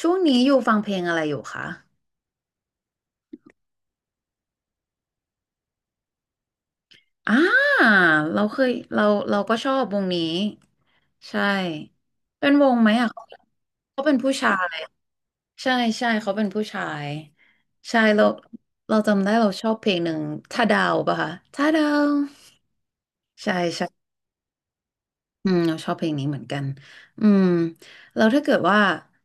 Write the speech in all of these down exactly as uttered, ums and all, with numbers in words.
ช่วงนี้อยู่ฟังเพลงอะไรอยู่คะอ่าเราเคยเราเราก็ชอบวงนี้ใช่ เป็นวงไหมอ่ะเขาเขาเป็นผู้ชายใช่ใช่เขาเป็นผู้ชายใช่เราเราจำได้เราชอบเพลงหนึ่งถ้าดาวป่ะคะถ้าดาวใช่ใช่ อืมเราชอบเพลงนี้เหมือนกันอืมเราถ้าเกิดว่า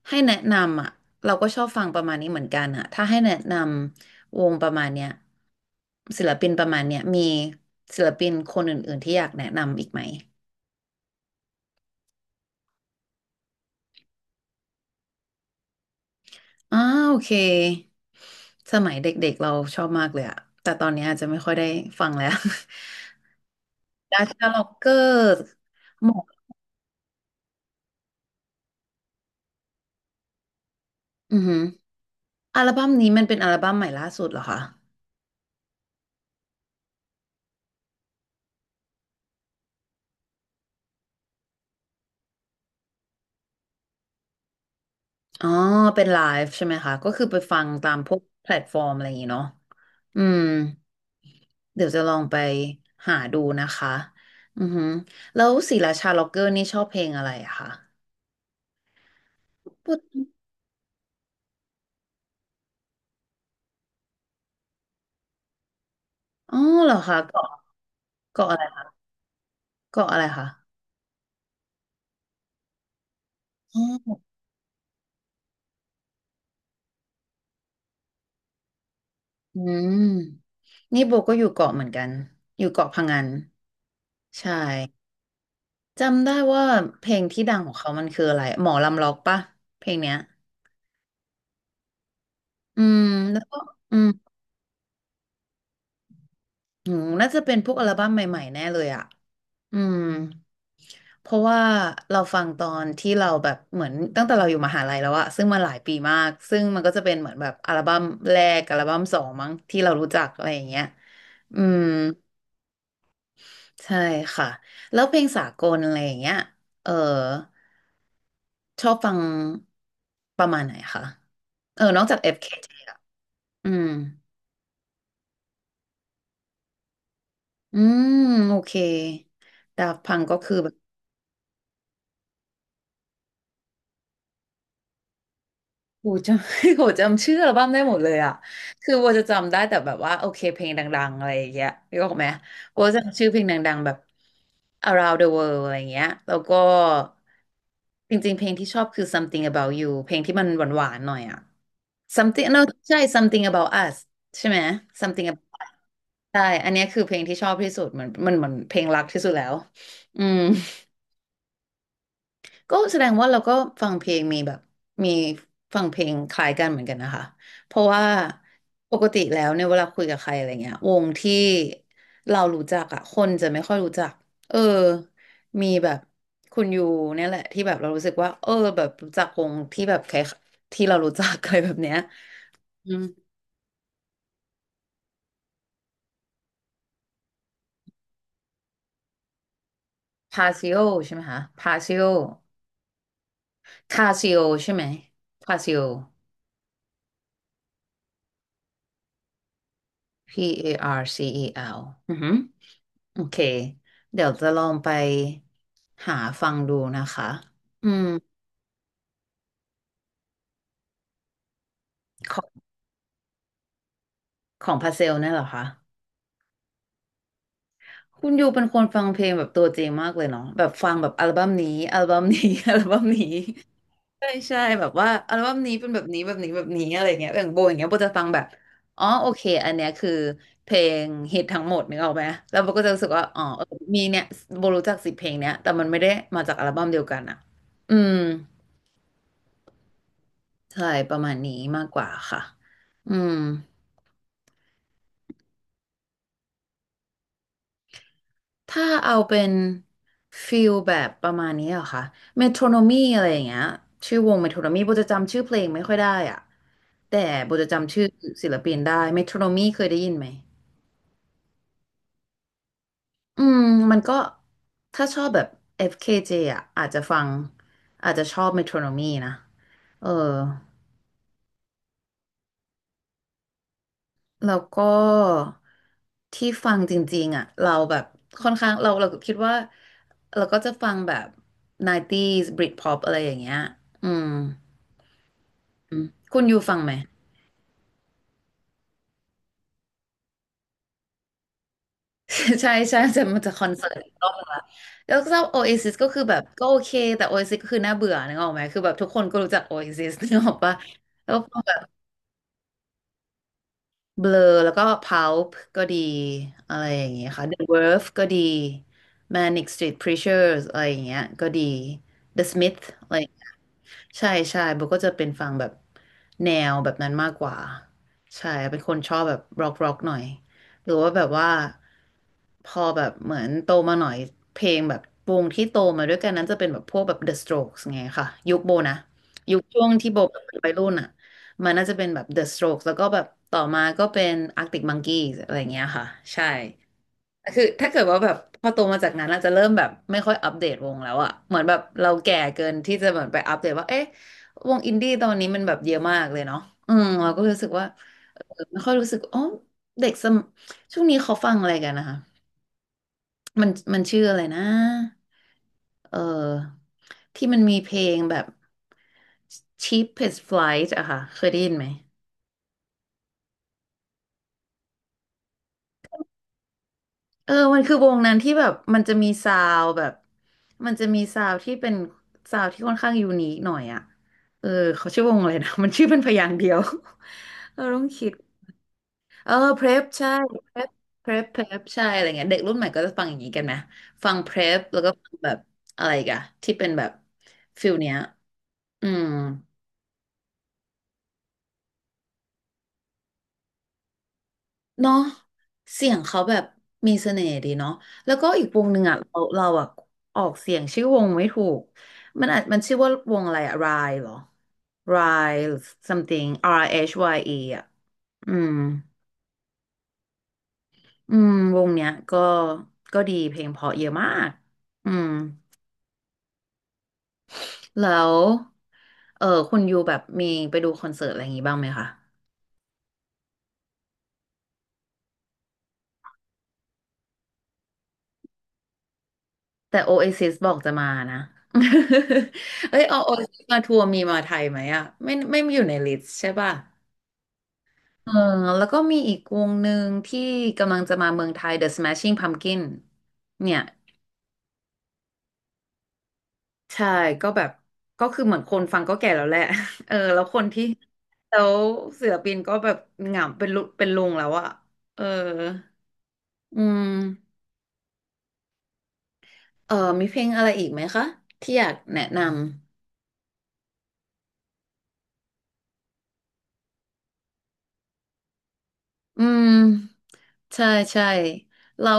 ให้แนะนำอ่ะเราก็ชอบฟังประมาณนี้เหมือนกันอ่ะถ้าให้แนะนำวงประมาณเนี้ยศิลปินประมาณเนี้ยมีศิลปินคนอื่นๆที่อยากแนะนำอีกไหมอ้าโอเคสมัยเด็กๆเราชอบมากเลยอ่ะแต่ตอนนี้อาจจะไม่ค่อยได้ฟังแล้ว ดาชาล็อกเกอร์หมออือหืออัลบั้มนี้มันเป็นอัลบั้มใหม่ล่าสุดเหรอคะ อ๋อเป็นไลฟ์ใช่ไหมคะก็คือไปฟังตามพวกแพลตฟอร์มอะไรอย่างงี้เนาะอืมเดี๋ยวจะลองไปหาดูนะคะอือหือแล้วศิลาชาล็อกเกอร์นี่ชอบเพลงอะไรอะคะปุ๊บอ๋อเหรอคะเกาะเกาะอะไรคะเกาะอะไรคะอ๋ออืมนี่โบก็อยู่เกาะเหมือนกันอยู่เกาะพะงันใช่จำได้ว่าเพลงที่ดังของเขามันคืออะไรหมอลำล็อกปะเพลงเนี้ยอืมแล้วก็อืมอืมน่าจะเป็นพวกอัลบั้มใหม่ๆแน่เลยอะ อืมเพราะว่าเราฟังตอนที่เราแบบเหมือนตั้งแต่เราอยู่มหาลัยแล้วอะซึ่งมาหลายปีมากซึ่งมันก็จะเป็นเหมือนแบบอัลบั้มแรกอัลบั้มสองมั้งที่เรารู้จักอะไรอย่างเงี้ยอืมใช่ค่ะแล้วเพลงสากลอะไรอย่างเงี้ยเออชอบฟังประมาณไหนคะเออนอกจาก เอฟ เค ที อฟเคทีอะอืมอืมโอเคดาฟพังก็คือแบบ โหจำ โหจำชื่ออัลบั้มได้หมดเลยอ่ะคือโบจะจำได้แต่แบบว่าโอเคเพลงดังๆอะไรอย่างเงี้ยรอกไหมโบจำชื่อเพลงดังๆแบบ Around the World อะไรอย่างเงี้ยแล้วก็จริงๆเพลงที่ชอบคือ Something About You เพลงที่มันหวานๆหน่อยอ่ะ Something no ใช่ Something About Us ใช่ไหม Something About Us ใช่อันเนี้ยคือเพลงที่ชอบที่สุดเหมือนมันเหมือนเพลงรักที่สุดแล้วอืม ก็แสดงว่าเราก็ฟังเพลงมีแบบมีฟังเพลงคล้ายกันเหมือนกันนะคะเพราะว่าปกติแล้วเนี่ยเวลาคุยกับใครอะไรเงี้ยวงที่เรารู้จักอะคนจะไม่ค่อยรู้จักเออมีแบบคุณยูเนี่ยแหละที่แบบเรารู้สึกว่าเออแบบรู้จักวงที่แบบคล้ายที่เรารู้จัก อะไรแบบเนี้ยอืมพาซิโอใช่ไหมคะพาซิโอคาซิโอใช่ไหมพาซิโอ P A R C E L อแอลอือฮึ โอเคเดี๋ยวจะลองไปหาฟังดูนะคะอืมของของพาเซลเนี่ยเหรอคะคุณยูเป็นคนฟังเพลงแบบตัวจริงมากเลยเนาะแบบฟังแบบอัลบั้มนี้อัลบั้มนี้ อัลบั้มนี้ใช่ใช่แบบว่าอัลบั้มนี้เป็นแบบนี้แบบนี้แบบนี้อะไรเงี้ยอย่างโบอย่างเงี้ยโบจะฟังแบบอ๋อโอเคอันเนี้ยคือเพลงฮิตทั้งหมดนึกออกไหมแล้วโบก็จะรู้สึกว่าอ๋อเออมีเนี่ยโบรู้จักสิบเพลงเนี้ยแต่มันไม่ได้มาจากอัลบั้มเดียวกันอะอืม ใช่ประมาณนี้มากกว่าค่ะอืมถ้าเอาเป็นฟิลแบบประมาณนี้เหรอคะเมโทรโนมีอะไรอย่างเงี้ยชื่อวงเมโทรโนมีโบจะจำชื่อเพลงไม่ค่อยได้อ่ะ แต่โบจะจำชื่อศิลปินได้ เมโทรโนมีเคยได้ยินไหมอืมมันก็ถ้าชอบแบบ เอฟ เค เจ อฟเคเจอ่ะอาจจะฟังอาจจะชอบเมโทรโนมีนะเออ แล้วก็ที่ฟังจริงๆอ่ะเราแบบค่อนข้างเราเราคิดว่าเราก็จะฟังแบบ ยุคเก้าศูนย์ Britpop อะไรอย่างเงี้ยอืมอืมคุณอยู่ฟังไหม ใช่ใช่จะมันจะคอนเสิร์ตอีกรอบนึงละแล้วก็ Oasis ก็คือแบบก็โอเคแต่ Oasis ก็คือน่าเบื่อนึกออกไหมคือแบบทุกคนก็รู้จัก Oasis นึกออกปะแล้วก็ฟังแบบ เบลอแล้วก็พัลป์ก็ดีอะไรอย่างเงี้ยค่ะ The Verve ก็ดี Manic Street Preachers อะไรอย่างเงี้ยก็ดี The Smith อะไร ใช่ใช่โบก็จะเป็นฟังแบบแนวแบบนั้นมากกว่าใช่เป็นคนชอบแบบร็อกร็อกหน่อยหรือว่าแบบว่าพอแบบเหมือนโตมาหน่อยเพลงแบบวงที่โตมาด้วยกันนั้นจะเป็นแบบพวกแบบ The Strokes ไงค่ะยุคโบนะยุคช่วงที่โบแบบเป็นวัยรุ่นอ่ะมันน่าจะเป็นแบบ The Strokes แล้วก็แบบต่อมาก็เป็น Arctic Monkeys อะไรอย่างเงี้ยค่ะใช่ คือถ้าเกิดว่าแบบพอโตมาจากนั้นอาจจะเริ่มแบบไม่ค่อยอัปเดตวงแล้วอะเหมือนแบบเราแก่เกินที่จะเหมือนไปอัปเดตว่าเอ๊ะวงอินดี้ตอนนี้มันแบบเยอะมากเลยเนาะอืมเราก็รู้สึกว่าเออไม่ค่อยรู้สึกอ๋อเด็กสมช่วงนี้เขาฟังอะไรกันนะคะมันมันชื่ออะไรนะเออที่มันมีเพลงแบบ Cheapest Flight อะค่ะเคยได้ยินไหม เออมันคือวงนั้นที่แบบมันจะมีซาวด์แบบมันจะมีซาวด์ที่เป็นซาวด์ที่ค่อนข้างยูนิคหน่อยอ่ะเออเขาชื่อวงอะไรนะ มันชื่อเป็นพยางค์เดียว เราต้องคิดเออเพร p ใช่เพร p เพร p เพร p ใช่อะไรเงี้ยเด็กรุ่นใหม่ก็จะฟังอย่างนี้กันไหมฟังเพร p แล้วก็ฟังแบบอะไรอีกันที่เป็นแบบฟิลเนี้ยอืม เนาะเสียงเขาแบบมีเสน่ห์ดีเนาะแล้วก็อีกวงหนึ่งอ่ะเราเราอ่ะออกเสียงชื่อวงไม่ถูกมันอาะมันชื่อว่าวงอะไรอะรายเหรอรายหรือ something R H Y E อชวายอีอ่ะอืมอืมวงเนี้ยก็ก็ดีเพลงเพราะเยอะมากอืมแล้วเออคุณยูแบบมีไปดูคอนเสิร์ตอะไรอย่างงี้บ้างไหมคะ แต่โอเอซิสบอกจะมานะ เอ้ยโอโอเอซิสมาทัวร์มีมาไทยไหมอ่ะไม่ไม่มีอยู่ในลิสต์ใช่ป่ะเออแล้วก็มีอีกวงหนึ่งที่กำลังจะมาเมืองไทย The Smashing Pumpkin เนี่ยใช่ก็แบบก็คือเหมือนคนฟังก็แก่แล้วแหละ เออแล้วคนที่แล้วศิลปินก็แบบเหงาเป็นลุเป็นลุงแล้วอะเอออืมเออมีเพลงอะไรอีกไหมคะที่อยากแนะนำอืมใช่ใช่เรา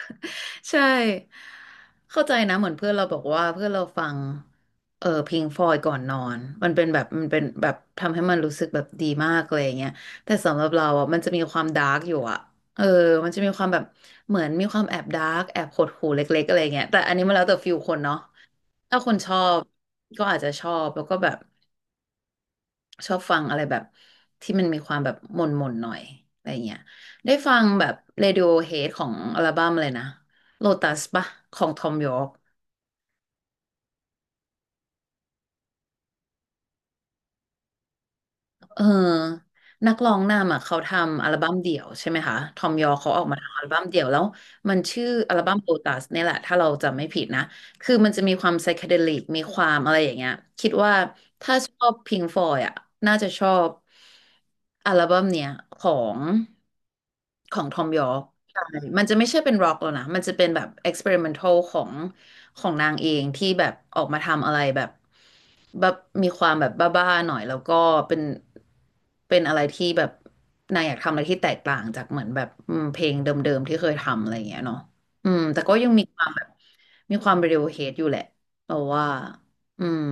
ใช่เข้าใจนะเหมือนเพื่อนเราบอกว่าเพื่อนเราฟังเออพิงฟลอยก่อนนอนมันเป็นแบบมันเป็นแบบทำให้มันรู้สึกแบบดีมากเลยอย่างเงี้ยแต่สำหรับเราอ่ะมันจะมีความดาร์กอยู่อ่ะเออมันจะมีความแบบเหมือนมีความแอบดาร์กแอบหดหู่เล็กๆอะไรเงี้ยแต่อันนี้มันแล้วแต่ฟิลคนเนาะถ้าคนชอบก็อาจจะชอบแล้วก็แบบ ชอบฟังอะไรแบบที่มันมีความแบบหม่นหม่นหน่อยอะไรเงี้ยได้ฟังแบบ Radiohead ของอัลบั้มเลยนะ Lotus ปะของ Thom Yorke เออนักร้องนำอ่ะเขาทำอัลบั้มเดี่ยวใช่ไหมคะ ทอมยอเขาออกมาทำอัลบั้มเดี่ยวแล้วมันชื่ออัลบั้มโ o ตัสเนี่ยแหละ ถ้าเราจำไม่ผิดนะ คือมันจะมีความไซเคเดลิก มีความอะไรอย่างเงี้ยคิดว่าถ้าชอบพิงฟอยอ่ะน่าจะชอบอัลบั้มเนี้ยของของทอมยอใช่มันจะไม่ใช่เป็นร็อกแล้วนะ มันจะเป็นแบบเอ็กซ์เพร์เมนทัลของ ของนางเองที่แบบออกมาทำอะไรแบบแบบมีความแบบบ้าๆหน่อยแล้วก็เป็นเป็นอะไรที่แบบนางอยากทำอะไรที่แตกต่างจากเหมือนแบบอืมเพลงเดิมๆที่เคยทำอะไรอย่างเงี้ยเนาะอืมแต่ก็ยังมีความแบบมีความเร d ว o เฮดอยู่แหละเราว่าอืม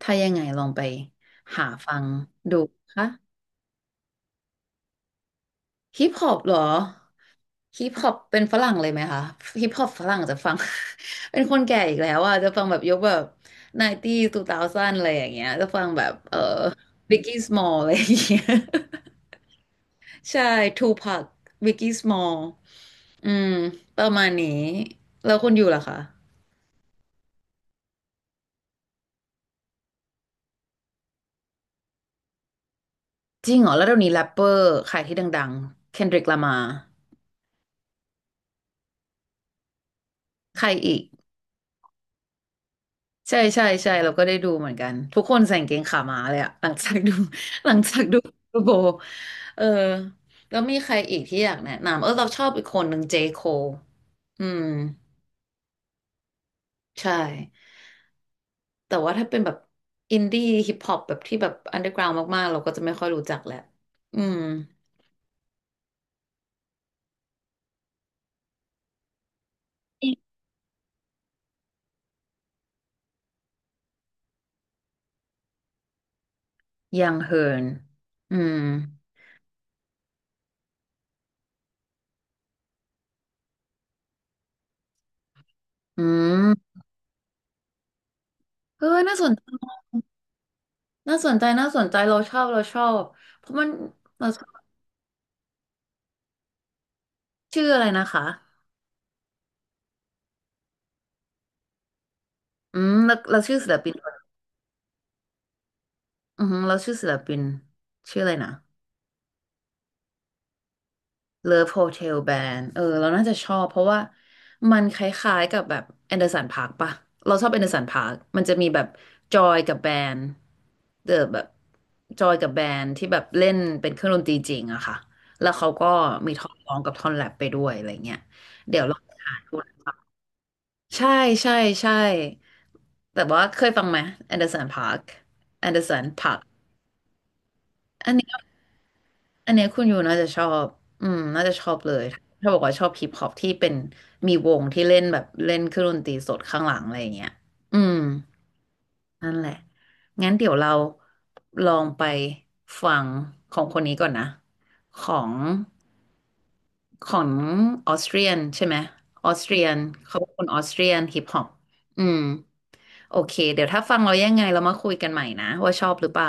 ถ้ายังไงลองไปหาฟังดูค่ะ ฮิปฮอปเหรอฮิปฮอปเป็นฝรั่งเลยไหมคะฮิปฮอปฝรั่งจะฟัง เป็นคนแก่อีกแล้วอ่ะจะฟังแบบยกแบบไนตี้ทูเทาซันอะไรอย่างเงี้ยจะฟังแบบเออบิกกี้สมอลอะไรอย่างเงี้ย ใช่ทูพักบิกกี้สมอลอืมประมาณนี้แล้วคนอยู่ล่ะคะจริงเหรอแล้วเดี๋ยวนี้แรปเปอร์ใครที่ดังๆเคนดริกลามาใครอีก ใช่ใช่ใช่เราก็ได้ดูเหมือนกันทุกคนใส่กางเกงขาม้าเลยอะ หลังจากดู หลังจากดูดูโบเออแล้วมีใครอีกที่อยากแนะนำเออเราชอบอีกคนหนึ่งเจโคอืมใช่แต่ว่าถ้าเป็นแบบอินดี้ฮิปฮอปแบบที่แบบอันเดอร์กราวมากๆเราก็จะไม่ค่อยรู้จักแหละอืมยังเฮิร์นอืมอืมเออน่าสนใจน่าสนใจน่าสนใจเราชอบเราชอบเพราะมันเราชอบชื่ออะไรนะคะอืมแล้วเราชื่อศิลปิน อือฮึเราชื่อศิลปินชื่ออะไรนะ Love Hotel Band เออเราน่าจะชอบเพราะว่ามันคล้ายๆกับแบบแอนเดอร์สันพาร์คปะเราชอบแอนเดอร์สันพาร์คมันจะมีแบบจอยกับแบนด์เดอแบบจอยกับแบนด์ที่แบบเล่นเป็นเครื่องดนตรีจริงอะค่ะแล้วเขาก็มีท่อนร้องกับท่อนแรปไปด้วยอะไรเงี้ยเดี๋ยวเราหาดูใช่ใช่ใช่แต่ว่าเคยฟังไหมแอนเดอร์สันพาร์คแอนเดอร์สันพาร์ค อันเนี้ยคุณอยู่น่าจะชอบ อืม น่าจะชอบเลยถ้าบอกว่าชอบฮิปฮอปที่เป็นมีวงที่เล่นแบบเล่นเครื่องดนตรีสดข้างหลังอะไรอย่างเงี้ยอืม นั่นแหละงั้นเดี๋ยวเราลองไปฟังของคนนี้ก่อนนะของของออสเตรียนใช่ไหมออสเตรียนเขาเป็นคนออสเตรียนฮิปฮอปอืมโอเคเดี๋ยวถ้าฟังเรายังไงเรามาคุยกันใหม่นะว่าชอบหรือเปล่า